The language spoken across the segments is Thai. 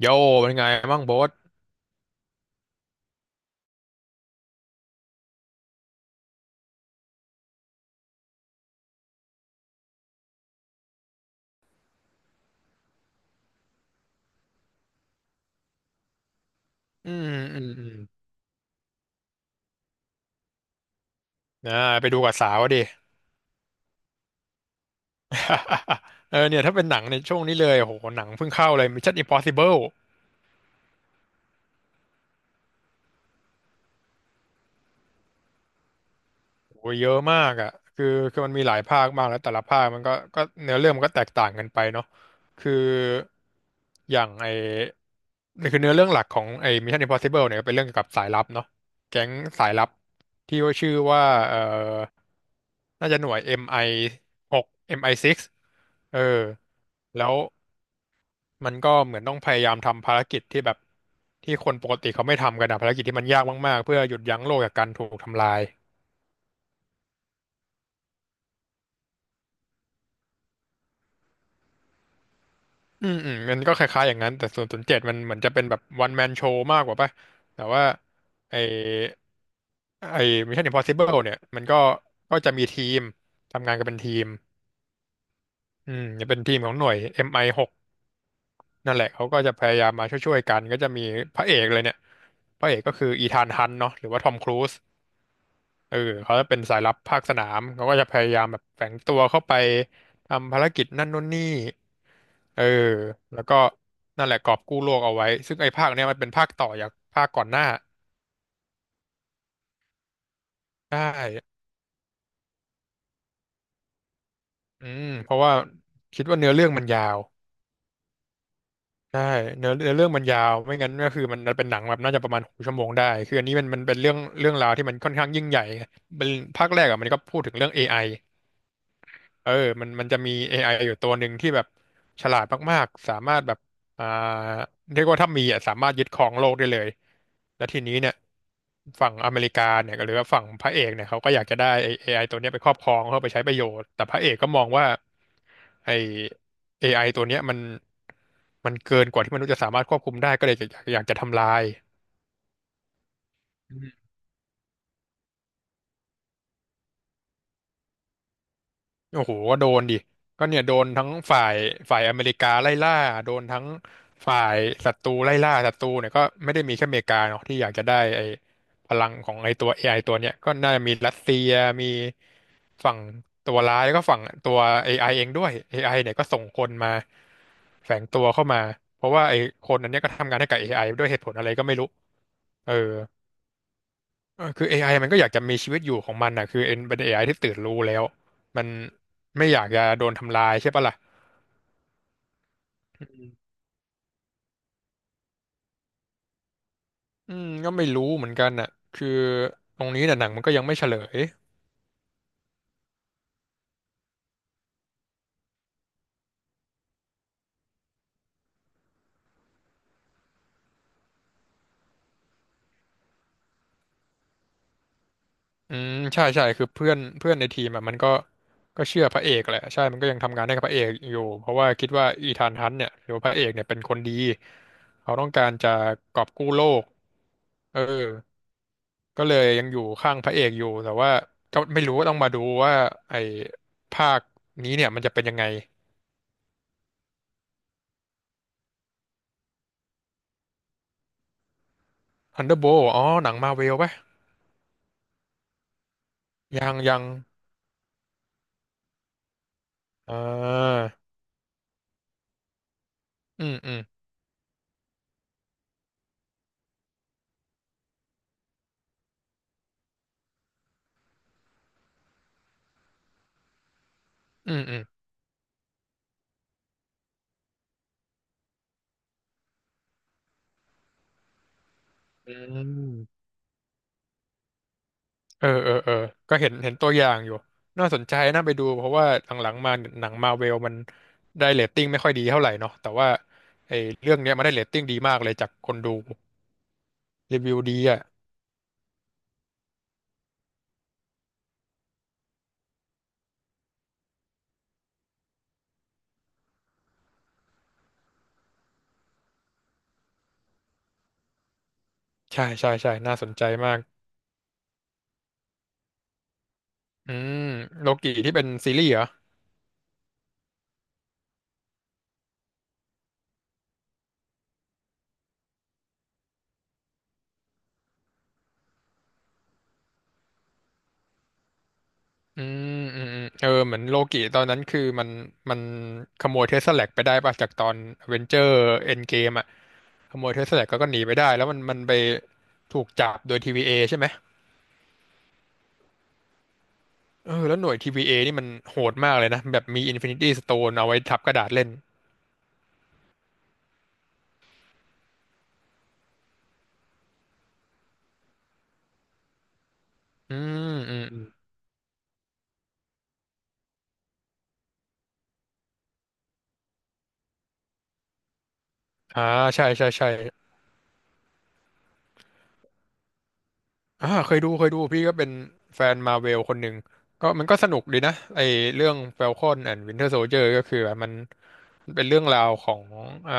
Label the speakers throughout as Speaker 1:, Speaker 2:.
Speaker 1: โยเป็นไงบ้างโบ๊ทอืมอืมอืมอ่าไปดูกับสาวดิ เออเนี่ยถ้าเป็นหนังในช่วงนี้เลยโหหนังเพิ่งเข้าเลย Mission Impossible โหเยอะมากอ่ะคือคือมันมีหลายภาคมากแล้วแต่ละภาคมันก็เนื้อเรื่องมันก็แตกต่างกันไปเนาะคืออย่างไอคือเนื้อเรื่องหลักของไอ Mission Impossible เนี่ยก็เป็นเรื่องเกี่ยวกับสายลับเนาะแก๊งสายลับที่ว่าชื่อว่าเออน่าจะหน่วย MI 6 MI 6เอมไอหกเออแล้ว มันก็เหมือนต้องพยายามทำภารกิจที่แบบที่คนปกติเขาไม่ทำกันอะภารกิจที่มันยากมากๆเพื่อหยุดยั้งโลกจากการถูกทำลายอืมอืมมันก็คล้ายๆอย่างนั้นแต่ส่วนศูนย์เจ็ดมันเหมือนจะเป็นแบบวันแมนโชว์มากกว่าป่ะแต่ว่าไอไอ Mission Impossible เนี่ยมันก็จะมีทีมทำงานกันเป็นทีมอืมจะเป็นทีมของหน่วย MI6 นั่นแหละเขาก็จะพยายามมาช่วยๆกันก็จะมีพระเอกเลยเนี่ยพระเอกก็คืออีธานฮันต์เนาะหรือว่าทอมครูซ เออเขาจะเป็นสายลับภาคสนามเขาก็จะพยายามแบบแฝงตัวเข้าไปทำภารกิจนั่นนู่นนี่เออแล้วก็นั่นแหละกอบกู้โลกเอาไว้ซึ่งไอ้ภาคเนี้ยมันเป็นภาคต่อจากภาคก่อนหน้าใช่อืมเพราะว่าคิดว่าเนื้อเรื่องมันยาวใช่เนื้อเรื่องมันยาวไม่งั้นก็คือมันเป็นหนังแบบน่าจะประมาณหกชั่วโมงได้คืออันนี้มันเป็นเรื่องราวที่มันค่อนข้างยิ่งใหญ่ไงเป็นภาคแรกอะมันก็พูดถึงเรื่องเอไอ เออมันจะมี AI อไออยู่ตัวหนึ่งที่แบบฉลาดมากๆ สามารถแบบอ่าเรียกว่าถ้ามีอ่ะสามารถยึดครองโลกได้เลย แล้วทีนี้เนี่ยฝั่งอเมริกาเนี่ยหรือว่าฝั่งพระเอกเนี่ยเขาก็อยากจะได้ไอ้ AI ตัวเนี้ยไปครอบครองเพื่อไปใช้ประโยชน์แต่พระเอกก็มองว่าไอ้ AI ตัวเนี้ยมันเกินกว่าที่มนุษย์จะสามารถควบคุมได้ก็เลยอยากจะทำลาย โอ้โหก็โดนดิก็เนี่ยโดนทั้งฝ่ายอเมริกาไล่ล่าโดนทั้งฝ่ายศัตรูไล่ล่าศัตรูเนี่ยก็ไม่ได้มีแค่อเมริกาเนาะที่อยากจะได้ไอ้พลังของไอ้ตัวเอไอตัวเนี่ยก็น่าจะมีรัสเซียมีฝั่งตัวร้ายแล้วก็ฝั่งตัว AI เองด้วย AI เนี่ยก็ส่งคนมาแฝงตัวเข้ามาเพราะว่าไอ้คนอันเนี้ยก็ทำงานให้กับ AI ด้วยเหตุผลอะไรก็ไม่รู้เออ เออคือ AI มันก็อยากจะมีชีวิตอยู่ของมันนะคือเอ็นเป็น AI ที่ตื่นรู้แล้วมันไม่อยากจะโดนทำลายใช่ปะล่ะอืมก็ไม่รู้เหมือนกันน่ะคือตรงนี้น่ะหนังมันก็ยังไม่เฉลยอืมใช่ใช่คือเพื่อนเพื่อนในทีมอ่ะมันก็เชื่อพระเอกแหละใช่มันก็ยังทำงานให้กับพระเอกอยู่เพราะว่าคิดว่าอีธานฮันต์เนี่ยหรือว่าพระเอกเนี่ยเป็นคนดีเขาต้องการจะกอบกู้โลกเออ ก็เลยยังอยู่ข้างพระเอกอยู่แต่ว่าก็ไม่รู้ว่าต้องมาดูว่าไอ้ภาคนี้เนี่ยมันจะเป็นยังไง Thunderbolt อ๋อหนังมาเวลปะยังอ่าอืมอืมอืมอืมอืมเออก็เห็นตัวอย่างอยู่น่าสนใจน่าไปดูเพราะว่าหลังๆมาหนังมาเวลมันได้เรตติ้งไม่ค่อยดีเท่าไหร่เนาะแต่ว่าไอ้เรื่องเนี้ยมันได้เรตติ้งดีมากเลยจากคนดูรีวิวดีอ่ะใช่ใช่น่าสนใจมากอืมโลกิที่เป็นซีรีส์เหรอ อืมอืมอืมเออเหมือนโลกิตอนนั้นคือมันขโมยเทสลาแลกไปได้ป่ะจากตอนเวนเจอร์เอ็นเกมอ่ะขโมยเทสลาแลกก็หนีไปได้แล้วมันไปถูกจับโดย TVA ใช่ไหมเออแล้วหน่วย TVA นี่มันโหดมากเลยนะแบบมีอินฟินิตี้สโตนเอาไว้ทับกระดาษเล่นอืมอืมอืมอ่าใช่ใช่เคยดูพี่ก็เป็นแฟนมาเวลคนหนึ่งก็มันก็สนุกดีนะไอเรื่อง Falcon and Winter Soldier ก็คือแบบมัน มันเป็นเรื่องราวของอ่า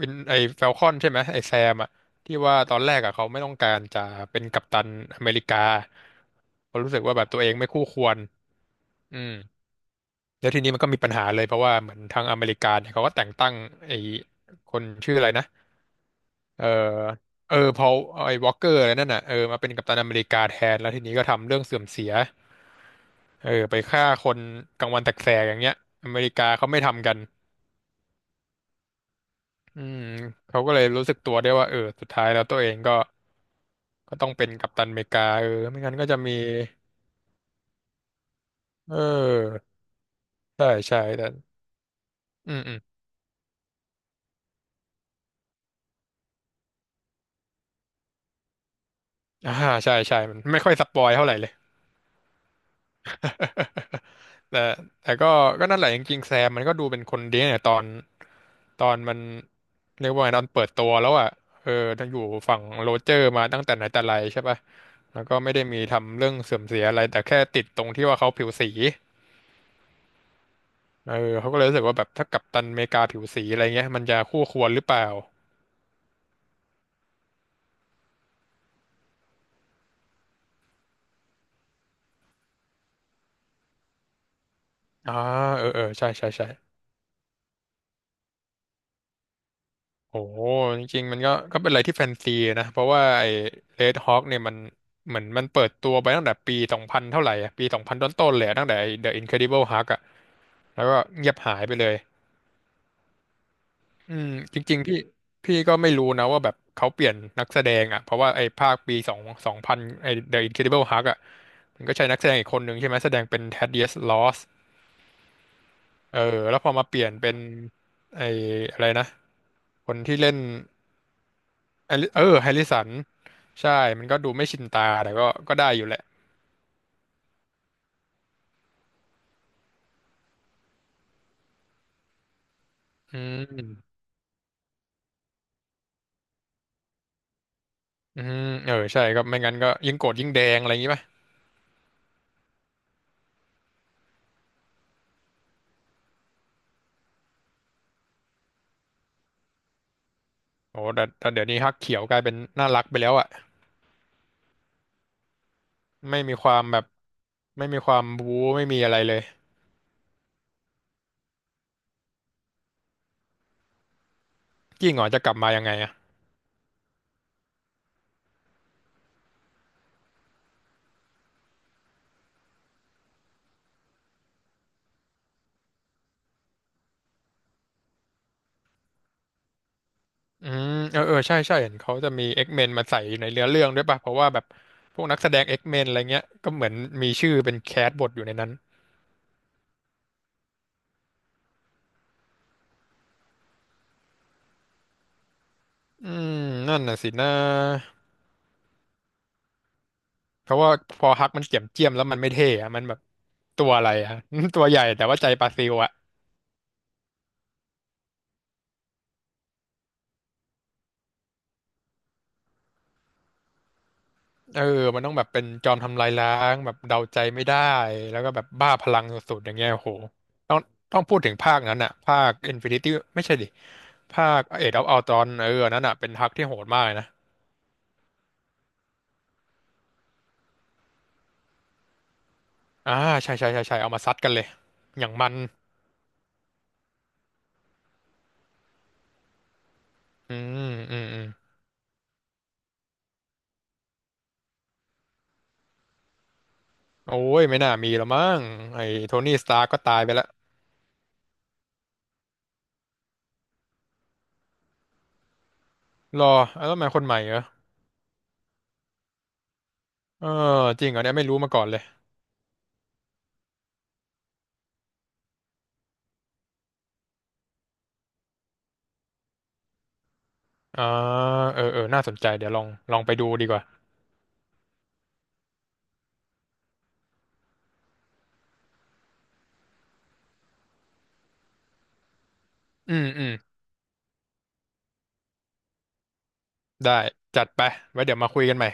Speaker 1: วินไอแฟลคอนใช่ไหมไอแซมอะที่ว่าตอนแรกอะเขาไม่ต้องการจะเป็นกัปตันอเมริกาเขาะรู้สึกว่าแบบตัวเองไม่คู่ควรอืมแล้วทีนี้มันก็มีปัญหาเลยเพราะว่าเหมือนทางอเมริกาเนี่ยเขาก็แต่งตั้งไอคนชื่ออะไรนะเออเออพอไอวอลเกอร์อะไรนั่นน่ะเออมาเป็นกัปตันอเมริกาแทนแล้วทีนี้ก็ทำเรื่องเสื่อมเสียเออไปฆ่าคนกลางวันแสกๆอย่างเงี้ยอเมริกาเขาไม่ทำกัน อืมเขาก็เลยรู้สึกตัวได้ว่าเออสุดท้ายแล้วตัวเองก็ต้องเป็นกัปตันอเมริกาเออไม่งั้นก็จะมีเออใช่ใช่แต่อืมอืมอ่าใช่ใช่มันไม่ค่อยสปอยเท่าไหร่เลย แต่แต่ก็ก็นั่นแหละจริงๆแซมมันก็ดูเป็นคนดีเนี่ยตอนตอนมันเรียกว่าไงตอนเปิดตัวแล้วอ่ะเออทั้งอยู่ฝั่งโรเจอร์มาตั้งแต่ไหนแต่ไรใช่ป่ะแล้วก็ไม่ได้มีทำเรื่องเสื่อมเสียอะไรแต่แค่ติดตรงที่ว่าเขาผิวสี เออเขาก็เลยรู้สึกว่าแบบถ้ากัปตันอเมริกาผิวสีอะไรเงี้ยมันจะคู่ควรหรือเปล่าอ่าเออเออใช่ใช่ใช่โอ้โหจริงๆมันก็ก็เป็นอะไรที่แฟนซีนะเพราะว่าไอ้เรดฮอคเนี่ยมันเหมือนมันเปิดตัวไปตั้งแต่ปีสองพันเท่าไหร่อะปีสองพันต้นๆเลยอะตั้งแต่ไอ้ The Incredible Hulk อะแล้วก็เงียบหายไปเลยอืมจริงๆพี่ก็ไม่รู้นะว่าแบบเขาเปลี่ยนนักแสดงอะเพราะว่าไอ้ภาคปีสองสองพันไอ้ The Incredible Hulk อะมันก็ใช้นักแสดงอีกคนหนึ่งใช่ไหมแสดงเป็น Thaddeus Ross เออแล้วพอมาเปลี่ยนเป็นไอ้อะไรนะคนที่เล่น เออแฮร์ริสันใช่มันก็ดูไม่ชินตาแต่ก็ก็ได้อยู่แหละอืมอืมเออใช่ก็ไม่งั้นก็ยิ่งโกรธยิ่งแดงอะไรอย่างงี้ป่ะโอ้แต่แต่เดี๋ยวนี้ฮักเขียวกลายเป็นน่ารักไปแล้วอ่ะไม่มีความแบบไม่มีความบู๊ไม่มีอะไรเลยยิ่งเหรอจะกลับมายังไงอ่ะอืมเออเออใช่ใช่เห็นเขาจะมี X-Men มาใส่อยู่ในเนื้อเรื่องด้วยป่ะเพราะว่าแบบพวกนักแสดง X-Men อะไรเงี้ยก็เหมือนมีชื่อเป็นแคสบทอยู่ในนั้น อืมนั่นน่ะสินะเพราะว่าพอฮักมันเจียมเจียมแล้วมันไม่เท่อะมันแบบตัวอะไรอะ ตัวใหญ่แต่ว่าใจปลาซิวอะเออมันต้องแบบเป็นจอมทำลายล้างแบบเดาใจไม่ได้แล้วก็แบบบ้าพลังสุดๆอย่างเงี้ยโอ้โหต้องพูดถึงภาคนั้นอะภาค Infinity ไม่ใช่ดิภาค Age of Ultron เอออันนั่นอะเป็นฮักที่โหดมากเลยนะอ่าใช่ใช่ใช่ใช่เอามาซัดกันเลยอย่างมันอืมอืมอืมโอ้ยไม่น่ามีแล้วมั้งไอ้โทนี่สตาร์ก็ตายไปแล้วรอแล้วทำไมคนใหม่เหรอ เออจริงเหรอเนี่ยไม่รู้มาก่อนเลยอ่าเออเออน่าสนใจเดี๋ยวลองไปดูดีกว่าอืมอืมได้จัดไปไว้เดี๋ยวมาคุยกันใหม่